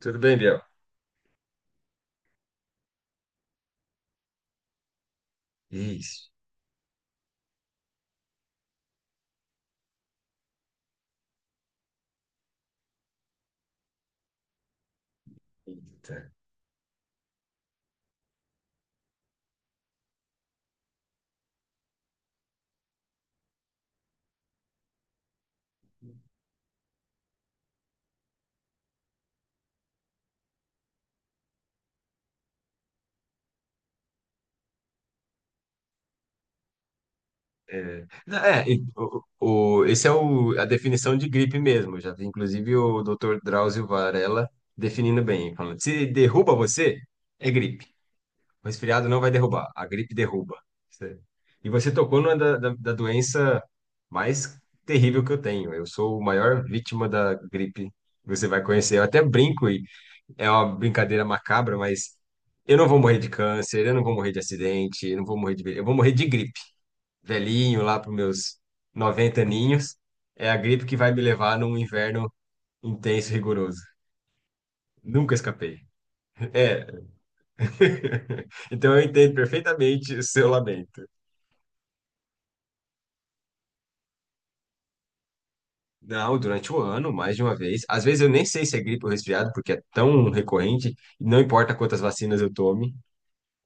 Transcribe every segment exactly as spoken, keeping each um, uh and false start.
Tudo bem, Biel? Isso. Tá. É, não, é, e o, o- esse é o, a definição de gripe mesmo. Eu já vi, inclusive, o doutor Drauzio Varella definindo bem, falando, se derruba você, é gripe. O resfriado não vai derrubar, a gripe derruba. Cê- E você tocou numa da, da, da doença mais terrível que eu tenho. Eu sou o maior vítima da gripe que você vai conhecer. Eu até brinco, é uma brincadeira macabra, mas eu não vou morrer de câncer, eu não vou morrer de acidente, eu não vou morrer de. Ve- eu vou morrer de gripe. Velhinho, lá para meus noventa aninhos, é a gripe que vai me levar num inverno intenso e rigoroso. Nunca escapei. É. Então eu entendo perfeitamente o seu lamento. Não, durante o ano, mais de uma vez. Às vezes eu nem sei se é gripe ou resfriado, porque é tão recorrente, e não importa quantas vacinas eu tome,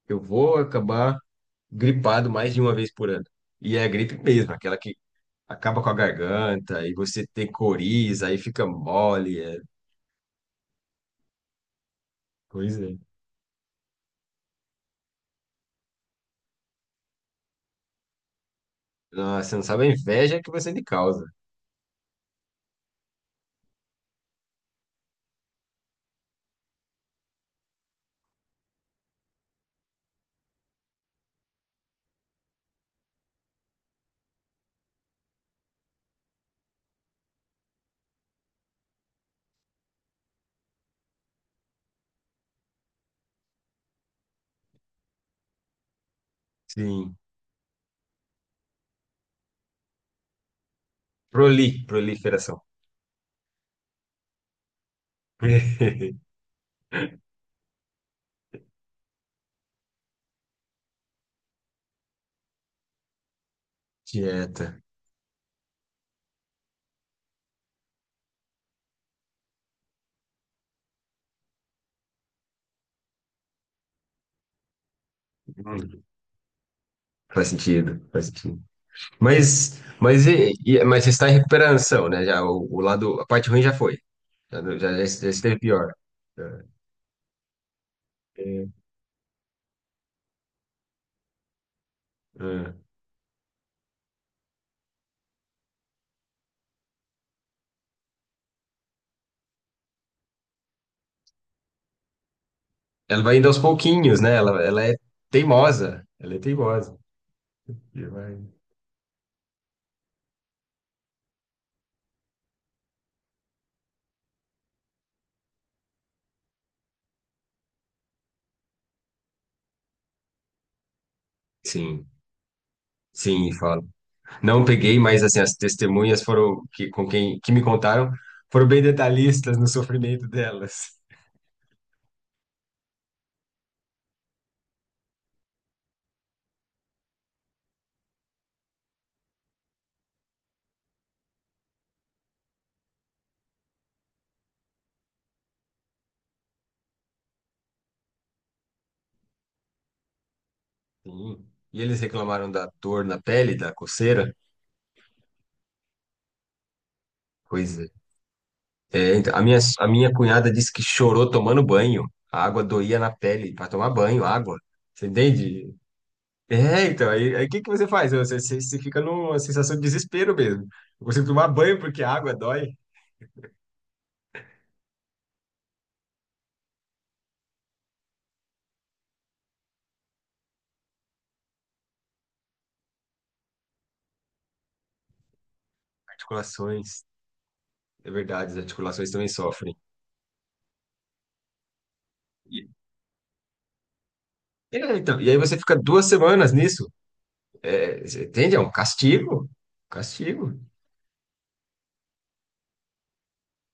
eu vou acabar gripado mais de uma vez por ano. E é a gripe mesmo, aquela que acaba com a garganta, e você tem coriza, aí fica mole. É... Pois é. Nossa, você não sabe a inveja que você me causa. Sim. Proli, proliferação. Dieta. Hum, Faz sentido, faz sentido. Mas, mas, e- e- mas você está em recuperação, né? Já, o, o lado, a parte ruim já foi. Já, já, já esteve pior. É. É. É. Ela vai indo aos pouquinhos, né? Ela, ela é teimosa. Ela é teimosa. E vai- Sim, sim, fala. Não peguei, mas assim, as testemunhas foram que com quem que me contaram foram bem detalhistas no sofrimento delas. Sim. E eles reclamaram da dor na pele, da coceira. Pois é. É, então, a minha, a minha cunhada disse que chorou tomando banho. A água doía na pele para tomar banho, água. Você entende? É, então, aí aí o que que você faz? Você, você, você fica numa sensação de desespero mesmo. Eu consigo tomar banho porque a água dói. Articulações, é verdade, as articulações também sofrem. E, é, então, e aí você fica duas semanas nisso. É, você entende? É um castigo. Castigo.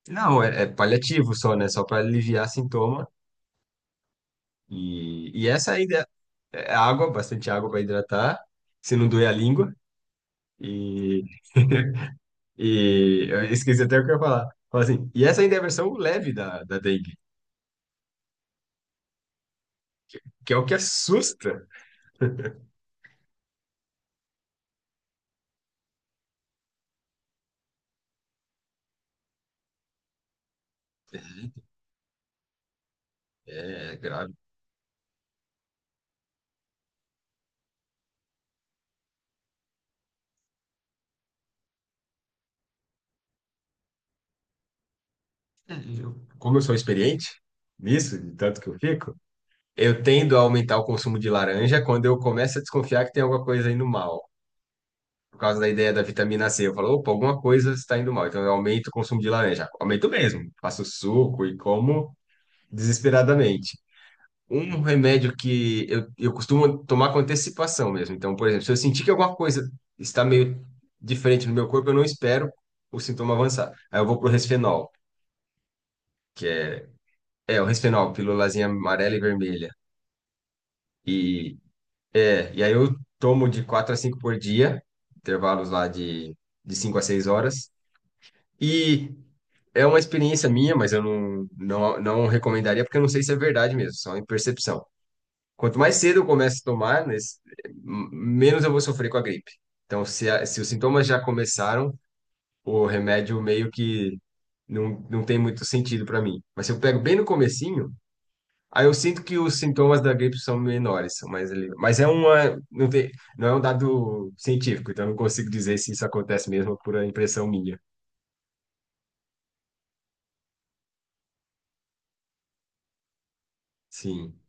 Não, é, é paliativo só, né? Só para aliviar sintoma. E, e essa ainda é é água, bastante água para hidratar, se não doer a língua. E E eu esqueci até o que eu ia falar. Fala assim, e essa ainda é a versão leve da, da dengue, que é o que assusta. É grave. É, eu- como eu sou experiente nisso, de tanto que eu fico, eu tendo a aumentar o consumo de laranja quando eu começo a desconfiar que tem alguma coisa indo mal. Por causa da ideia da vitamina C. Eu falo, opa, alguma coisa está indo mal. Então eu aumento o consumo de laranja. Aumento mesmo. Faço suco e como desesperadamente. Um remédio que eu, eu costumo tomar com antecipação mesmo. Então, por exemplo, se eu sentir que alguma coisa está meio diferente no meu corpo, eu não espero o sintoma avançar. Aí eu vou pro Resfenol, que é, é o Resfenol, pílulazinha amarela e vermelha. E, é, e aí eu tomo de quatro a cinco por dia, intervalos lá de, de cinco a seis horas. E é uma experiência minha, mas eu não, não, não recomendaria, porque eu não sei se é verdade mesmo, só em percepção. Quanto mais cedo eu começo a tomar, né, s- m- menos eu vou sofrer com a gripe. Então, se, a- se os sintomas já começaram, o remédio meio que não, não tem muito sentido para mim. Mas se eu pego bem no comecinho, aí eu sinto que os sintomas da gripe são menores, são mais ali. Mas é uma, não tem, não é um dado científico, então eu não consigo dizer se isso acontece mesmo por a impressão minha. Sim.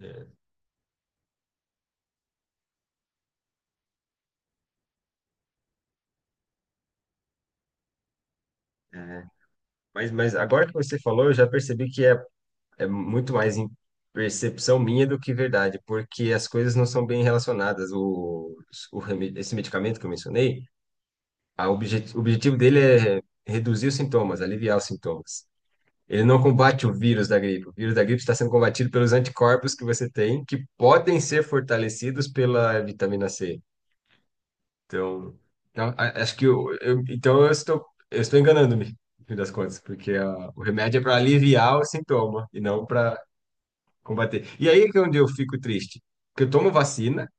É, é. Mas, mas agora que você falou, eu já percebi que é é muito mais em percepção minha do que verdade, porque as coisas não são bem relacionadas. O, o, reme- esse medicamento que eu mencionei, a obje- o objetivo dele é reduzir os sintomas, aliviar os sintomas. Ele não combate o vírus da gripe. O vírus da gripe está sendo combatido pelos anticorpos que você tem, que podem ser fortalecidos pela vitamina C. Então, então, a- acho que eu, eu- então eu estou, eu estou enganando-me, no fim das contas, porque a- o remédio é para aliviar o sintoma e não para combater. E aí que é onde eu fico triste, porque eu tomo vacina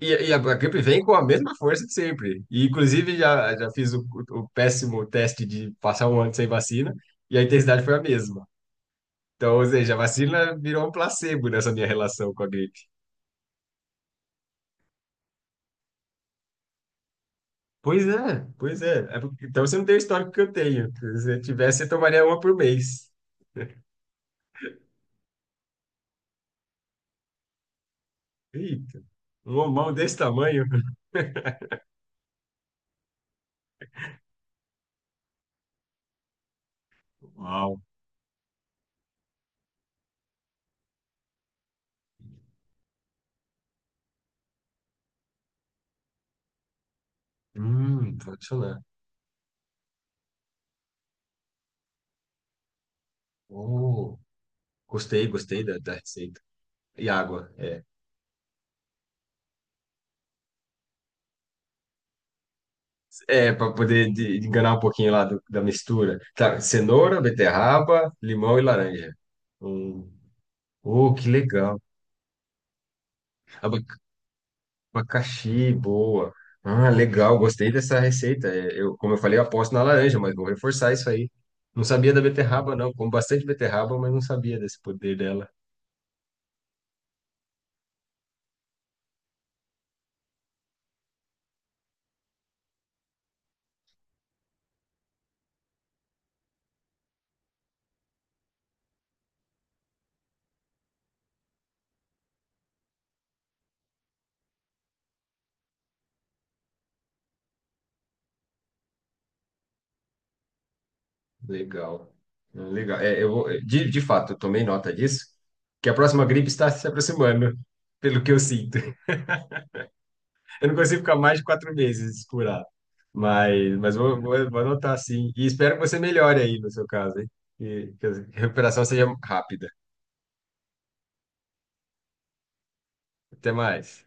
e, e a gripe vem com a mesma força de sempre. E inclusive já, já fiz o, o péssimo teste de passar um ano sem vacina e a intensidade foi a mesma. Então, ou seja, a vacina virou um placebo nessa minha relação com a gripe. Pois é, pois é. É porque- então você não tem o histórico que eu tenho. Se você tivesse, você tomaria uma por mês. Eita, um homão desse tamanho. Uau. Hum, pode funcionar. Oh, gostei, gostei da, da receita. E água. É. É, para poder de- de enganar um pouquinho lá do- da mistura. Tá, cenoura, beterraba, limão e laranja. Hum. Oh, que legal. Aba- Abacaxi, boa. Ah, legal, gostei dessa receita. É, eu, como eu falei, eu aposto na laranja, mas vou reforçar isso aí. Não sabia da beterraba, não. Como bastante beterraba, mas não sabia desse poder dela. Legal. Legal. É, eu vou, de, de fato, eu tomei nota disso, que a próxima gripe está se aproximando, pelo que eu sinto. Eu não consigo ficar mais de quatro meses curado. Mas, mas vou, vou, vou anotar sim. E espero que você melhore aí no seu caso, hein? Que, que a recuperação seja rápida. Até mais.